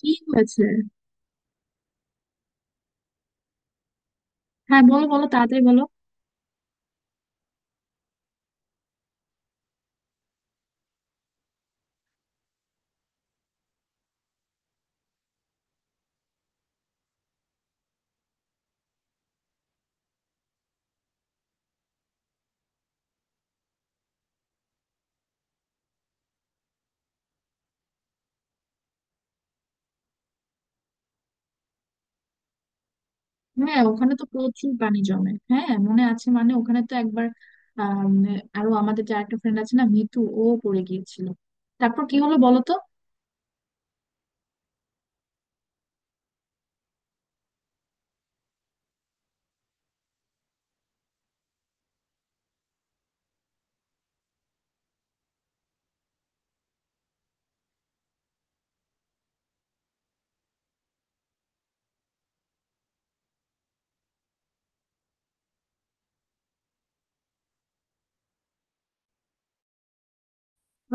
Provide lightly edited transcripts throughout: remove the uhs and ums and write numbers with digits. কি হয়েছে? হ্যাঁ, বলো বলো তাড়াতাড়ি বলো। হ্যাঁ, ওখানে তো প্রচুর পানি জমে। হ্যাঁ, মনে আছে, মানে ওখানে তো একবার আম, আরো আমাদের যে আরেকটা ফ্রেন্ড আছে না, মিতু, ও পড়ে গিয়েছিল। তারপর কি হলো বলো তো?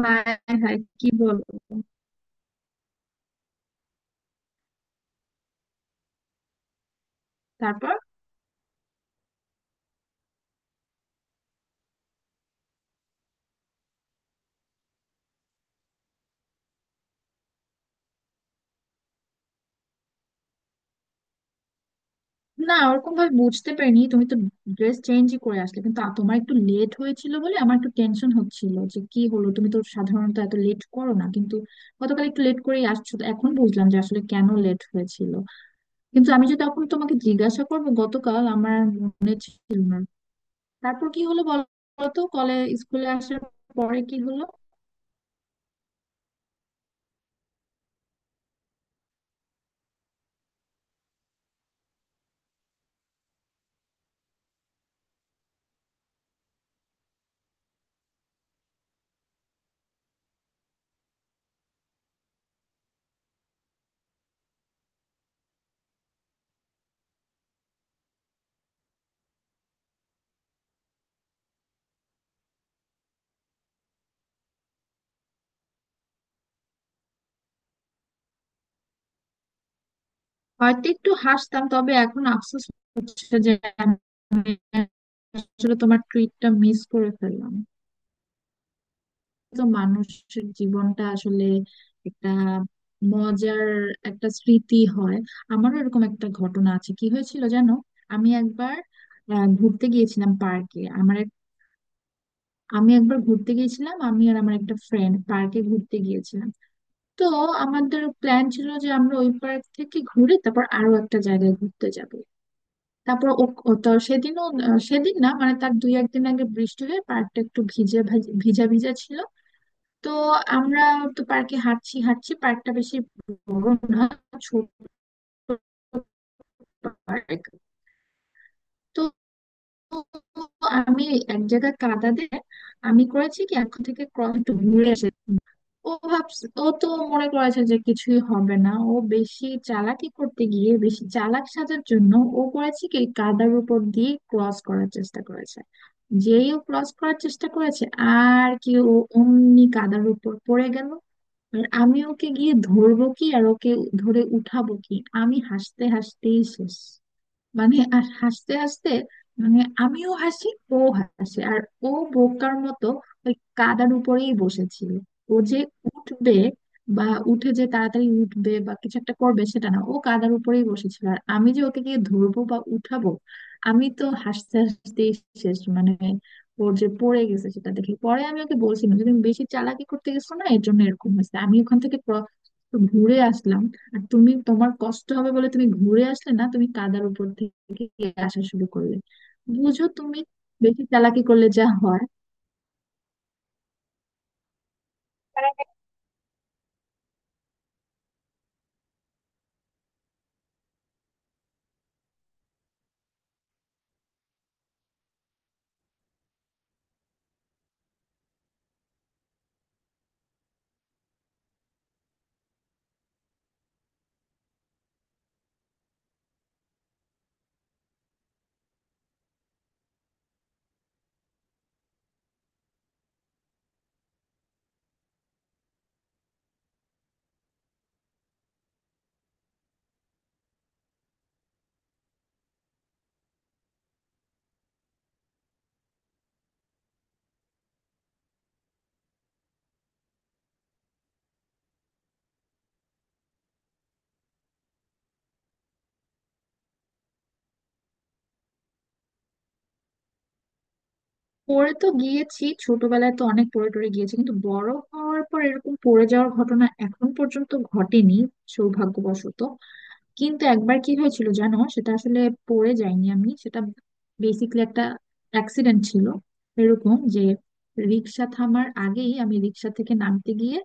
হায় হায়, কি বলো! তারপর? না, ওরকম ভাবে বুঝতে পারিনি। তুমি তো ড্রেস চেঞ্জই করে আসলে, কিন্তু তোমার একটু লেট হয়েছিল বলে আমার একটু টেনশন হচ্ছিল যে কি হলো, তুমি তো সাধারণত এত লেট করো না, কিন্তু গতকাল একটু লেট করেই আসছো, তো এখন বুঝলাম যে আসলে কেন লেট হয়েছিল। কিন্তু আমি যে তখন তোমাকে জিজ্ঞাসা করবো, গতকাল আমার আর মনে ছিল না। তারপর কি হলো বলতো কলে? স্কুলে আসার পরে কি হলো? হয়তো একটু হাসতাম, তবে এখন আফসোস হচ্ছে যে আমি আসলে তোমার ট্রিটটা মিস করে ফেললাম। তো মানুষের জীবনটা আসলে একটা মজার একটা স্মৃতি হয়। আমারও এরকম একটা ঘটনা আছে, কি হয়েছিল জানো? আমি একবার ঘুরতে গিয়েছিলাম পার্কে আমার। আমি একবার ঘুরতে গিয়েছিলাম, আমি আর আমার একটা ফ্রেন্ড পার্কে ঘুরতে গিয়েছিলাম। তো আমাদের প্ল্যান ছিল যে আমরা ওই পার্ক থেকে ঘুরে তারপর আরো একটা জায়গায় ঘুরতে যাব। তারপর ও, সেদিন না মানে তার দুই একদিন আগে বৃষ্টি হয়ে পার্কটা একটু ভিজে, ভিজা ভিজা ছিল। তো আমরা তো পার্কে হাঁটছি হাঁটছি, পার্কটা বেশি বড় না, ছোট পার্ক। তো আমি এক জায়গায় কাদা দিয়ে আমি করেছি কি, এখন থেকে ক্রস একটু ঘুরে এসে। ও ভাবছে, ও তো মনে করেছে যে কিছুই হবে না। ও বেশি চালাকি করতে গিয়ে বেশি চালাক সাজার জন্য ও করেছে কি, কাদার উপর দিয়ে ক্রস করার চেষ্টা করেছে। যেই ও ক্রস করার চেষ্টা করেছে আর কি, ও অমনি কাদার উপর পড়ে গেল। আর আমি ওকে গিয়ে ধরবো কি আর ওকে ধরে উঠাবো কি, আমি হাসতে হাসতেই শেষ। মানে আর হাসতে হাসতে, মানে আমিও হাসি, ও হাসে। আর ও বোকার মতো ওই কাদার উপরেই বসেছিল। ও যে উঠবে বা উঠে যে তাড়াতাড়ি উঠবে বা কিছু একটা করবে, সেটা না, ও কাদার উপরেই বসেছিল। আর আমি যে ওকে গিয়ে ধরবো বা উঠাবো, আমি তো হাসতে হাসতেই শেষ। মানে ওর যে পড়ে গেছে সেটা দেখে পরে আমি ওকে বলছিলাম যে তুমি বেশি চালাকি করতে গেছো না, এর জন্য এরকম হয়েছে। আমি ওখান থেকে ঘুরে আসলাম, আর তুমি তোমার কষ্ট হবে বলে তুমি ঘুরে আসলে না, তুমি কাদার উপর থেকে আসা শুরু করলে। বুঝো, তুমি বেশি চালাকি করলে যা হয়। পড়ে তো গিয়েছি, ছোটবেলায় তো অনেক পড়ে টরে গিয়েছি, কিন্তু বড় হওয়ার পর এরকম পড়ে যাওয়ার ঘটনা এখন পর্যন্ত ঘটেনি, সৌভাগ্যবশত। কিন্তু একবার কি হয়েছিল জানো, সেটা আসলে পড়ে যায়নি, আমি সেটা বেসিক্যালি একটা অ্যাক্সিডেন্ট ছিল এরকম যে, রিক্সা থামার আগেই আমি রিক্সা থেকে নামতে গিয়ে,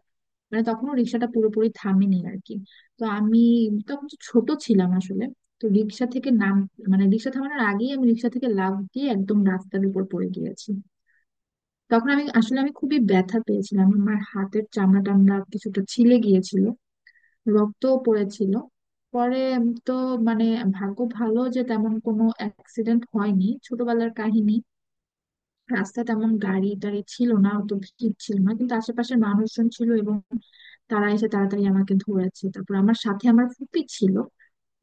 মানে তখনও রিক্সাটা পুরোপুরি থামেনি আর কি। তো আমি তখন তো ছোট ছিলাম আসলে। তো রিক্সা থেকে নাম মানে রিক্সা থামানোর আগেই আমি রিক্সা থেকে লাফ দিয়ে একদম রাস্তার উপর পড়ে গিয়েছি। তখন আমি আসলে, আমি খুবই ব্যথা পেয়েছিলাম। আমার হাতের চামড়া টামড়া কিছুটা ছিলে গিয়েছিল, রক্তও পড়েছিল। পরে তো, মানে ভাগ্য ভালো যে তেমন কোনো অ্যাক্সিডেন্ট হয়নি। ছোটবেলার কাহিনী, রাস্তা তেমন গাড়ি টাড়ি ছিল না, অত ভিড় ছিল না, কিন্তু আশেপাশের মানুষজন ছিল, এবং তারা এসে তাড়াতাড়ি আমাকে ধরেছে। তারপর আমার সাথে আমার ফুপি ছিল,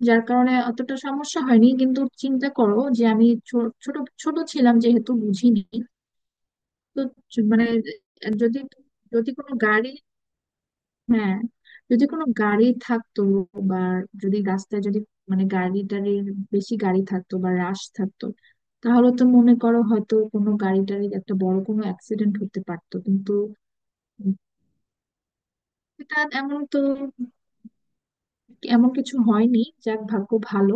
যার কারণে অতটা সমস্যা হয়নি। কিন্তু চিন্তা করো যে আমি ছোট ছোট ছিলাম, যেহেতু বুঝিনি। তো মানে যদি যদি কোনো গাড়ি... হ্যাঁ, যদি কোনো গাড়ি থাকতো, বা যদি রাস্তায়, যদি মানে গাড়ি টাড়ির, বেশি গাড়ি থাকতো বা রাশ থাকতো, তাহলে তো মনে করো হয়তো কোনো গাড়ি টাড়ির একটা বড় কোনো অ্যাক্সিডেন্ট হতে পারতো, কিন্তু এটা এমন তো, এমন কিছু হয়নি। যাক, ভাগ্য ভালো।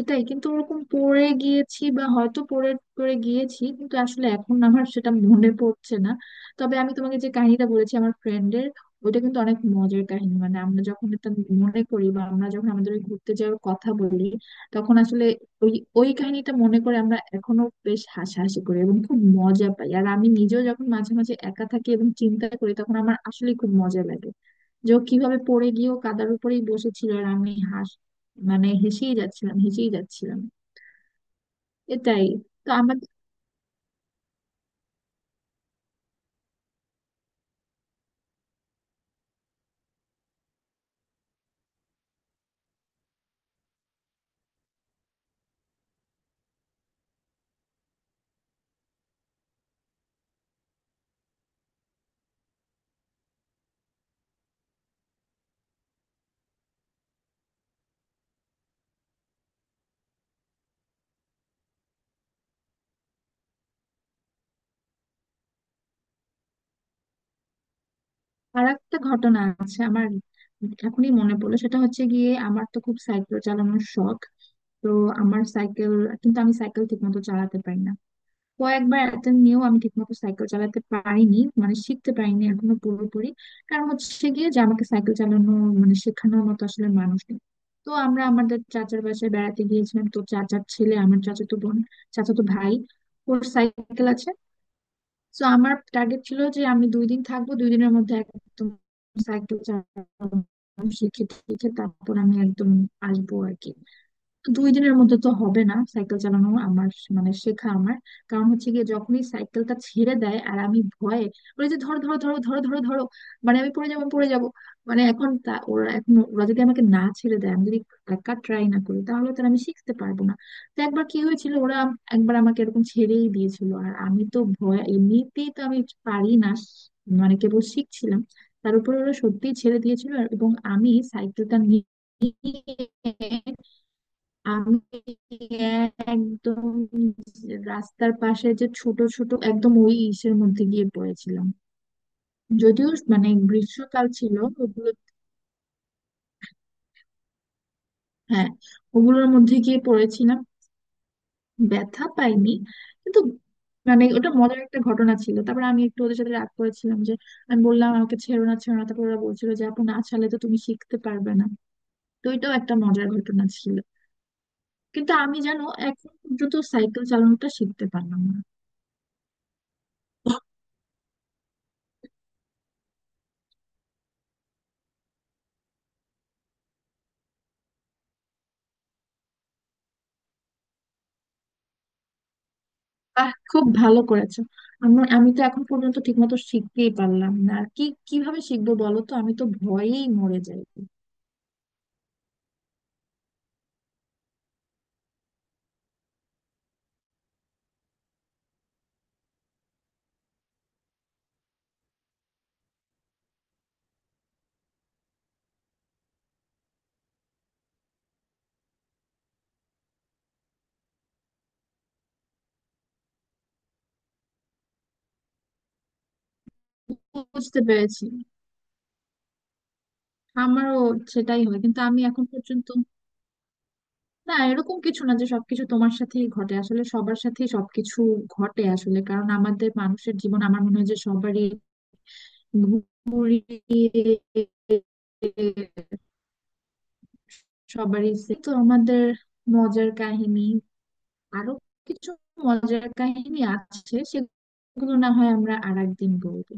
এটাই, কিন্তু ওরকম পড়ে গিয়েছি বা হয়তো পড়ে পড়ে গিয়েছি, কিন্তু আসলে এখন আমার সেটা মনে পড়ছে না। তবে আমি তোমাকে যে কাহিনীটা বলেছি আমার ফ্রেন্ডের, ওইটা কিন্তু অনেক মজার কাহিনী। মানে আমরা যখন এটা মনে করি বা আমরা যখন আমাদের ওই ঘুরতে যাওয়ার কথা বলি, তখন আসলে ওই ওই কাহিনীটা মনে করে আমরা এখনো বেশ হাসাহাসি করি এবং খুব মজা পাই। আর আমি নিজেও যখন মাঝে মাঝে একা থাকি এবং চিন্তা করি, তখন আমার আসলে খুব মজা লাগে যে ও কিভাবে পড়ে গিয়েও কাদার উপরেই বসেছিল, আর আমি মানে হেসেই যাচ্ছিলাম, হেসেই যাচ্ছিলাম। এটাই। তো আমার আর একটা ঘটনা আছে আমার, এখনই মনে পড়লো। সেটা হচ্ছে গিয়ে আমার তো খুব সাইকেল চালানোর শখ। তো আমার সাইকেল, কিন্তু আমি সাইকেল ঠিক মতো চালাতে পারি না। কয়েকবার অ্যাটেম্প নিয়েও আমি ঠিকমতো সাইকেল চালাতে পারিনি, মানে শিখতে পারিনি এখনো পুরোপুরি। কারণ হচ্ছে গিয়ে যে আমাকে সাইকেল চালানো মানে শেখানোর মতো আসলে মানুষ নেই। তো আমরা আমাদের চাচার বাসায় বেড়াতে গিয়েছিলাম, তো চাচার ছেলে, আমার চাচাতো বোন, চাচাতো ভাই, ওর সাইকেল আছে। তো আমার টার্গেট ছিল যে আমি দুই দিন থাকবো, দুই দিনের মধ্যে একদম সাইকেল চালানো শিখে টিখে তারপর আমি একদম আসবো আর কি। দুই দিনের মধ্যে তো হবে না সাইকেল চালানো আমার, মানে শেখা আমার। কারণ হচ্ছে গিয়ে যখনই সাইকেলটা ছেড়ে দেয়, আর আমি ভয়ে, ওই যে ধরো ধরো ধরো ধরো ধরো ধরো, মানে আমি পড়ে যাবো পড়ে যাবো। মানে এখন ওরা, এখন ওরা যদি আমাকে না ছেড়ে দেয়, আমি যদি একা ট্রাই না করি, তাহলে তাহলে আমি শিখতে পারবো না। তো একবার কি হয়েছিল, ওরা একবার আমাকে এরকম ছেড়েই দিয়েছিল, আর আমি তো ভয়, এমনিতেই তো আমি পারি না, মানে কেবল শিখছিলাম, তার উপরে ওরা সত্যিই ছেড়ে দিয়েছিল। এবং আমি সাইকেলটা নিয়ে আমি একদম রাস্তার পাশে যে ছোট ছোট একদম ওই ইসের মধ্যে গিয়ে পড়েছিলাম। যদিও মানে গ্রীষ্মকাল ছিল, ওগুলো, হ্যাঁ, ওগুলোর মধ্যে গিয়ে পড়েছিলাম। ব্যথা পাইনি, কিন্তু মানে ওটা মজার একটা ঘটনা ছিল। তারপর আমি একটু ওদের সাথে রাগ করেছিলাম যে, আমি বললাম আমাকে ছেড়ো না ছেড়ো না, তারপর ওরা বলছিল যে আপু, না ছাড়লে তো তুমি শিখতে পারবে না। তো এটাও একটা মজার ঘটনা ছিল। কিন্তু আমি জানো এখন পর্যন্ত সাইকেল চালানোটা শিখতে পারলাম না। আহ, খুব ভালো করেছো। আমি আমি তো এখন পর্যন্ত ঠিকমতো শিখতেই পারলাম না আর কি। কিভাবে শিখবো বলো তো, আমি তো ভয়েই মরে যাই। বুঝতে পেরেছি। আমারও সেটাই হয়, কিন্তু আমি এখন পর্যন্ত, না, এরকম কিছু না যে সবকিছু তোমার সাথেই ঘটে। আসলে সবার সাথেই সবকিছু ঘটে আসলে, কারণ আমাদের মানুষের জীবন, আমার মনে হয় যে সবারই ঘুরিয়ে সবারই তো আমাদের মজার কাহিনী, আরো কিছু মজার কাহিনী আছে, সেগুলো না হয় আমরা আর একদিন বলবো।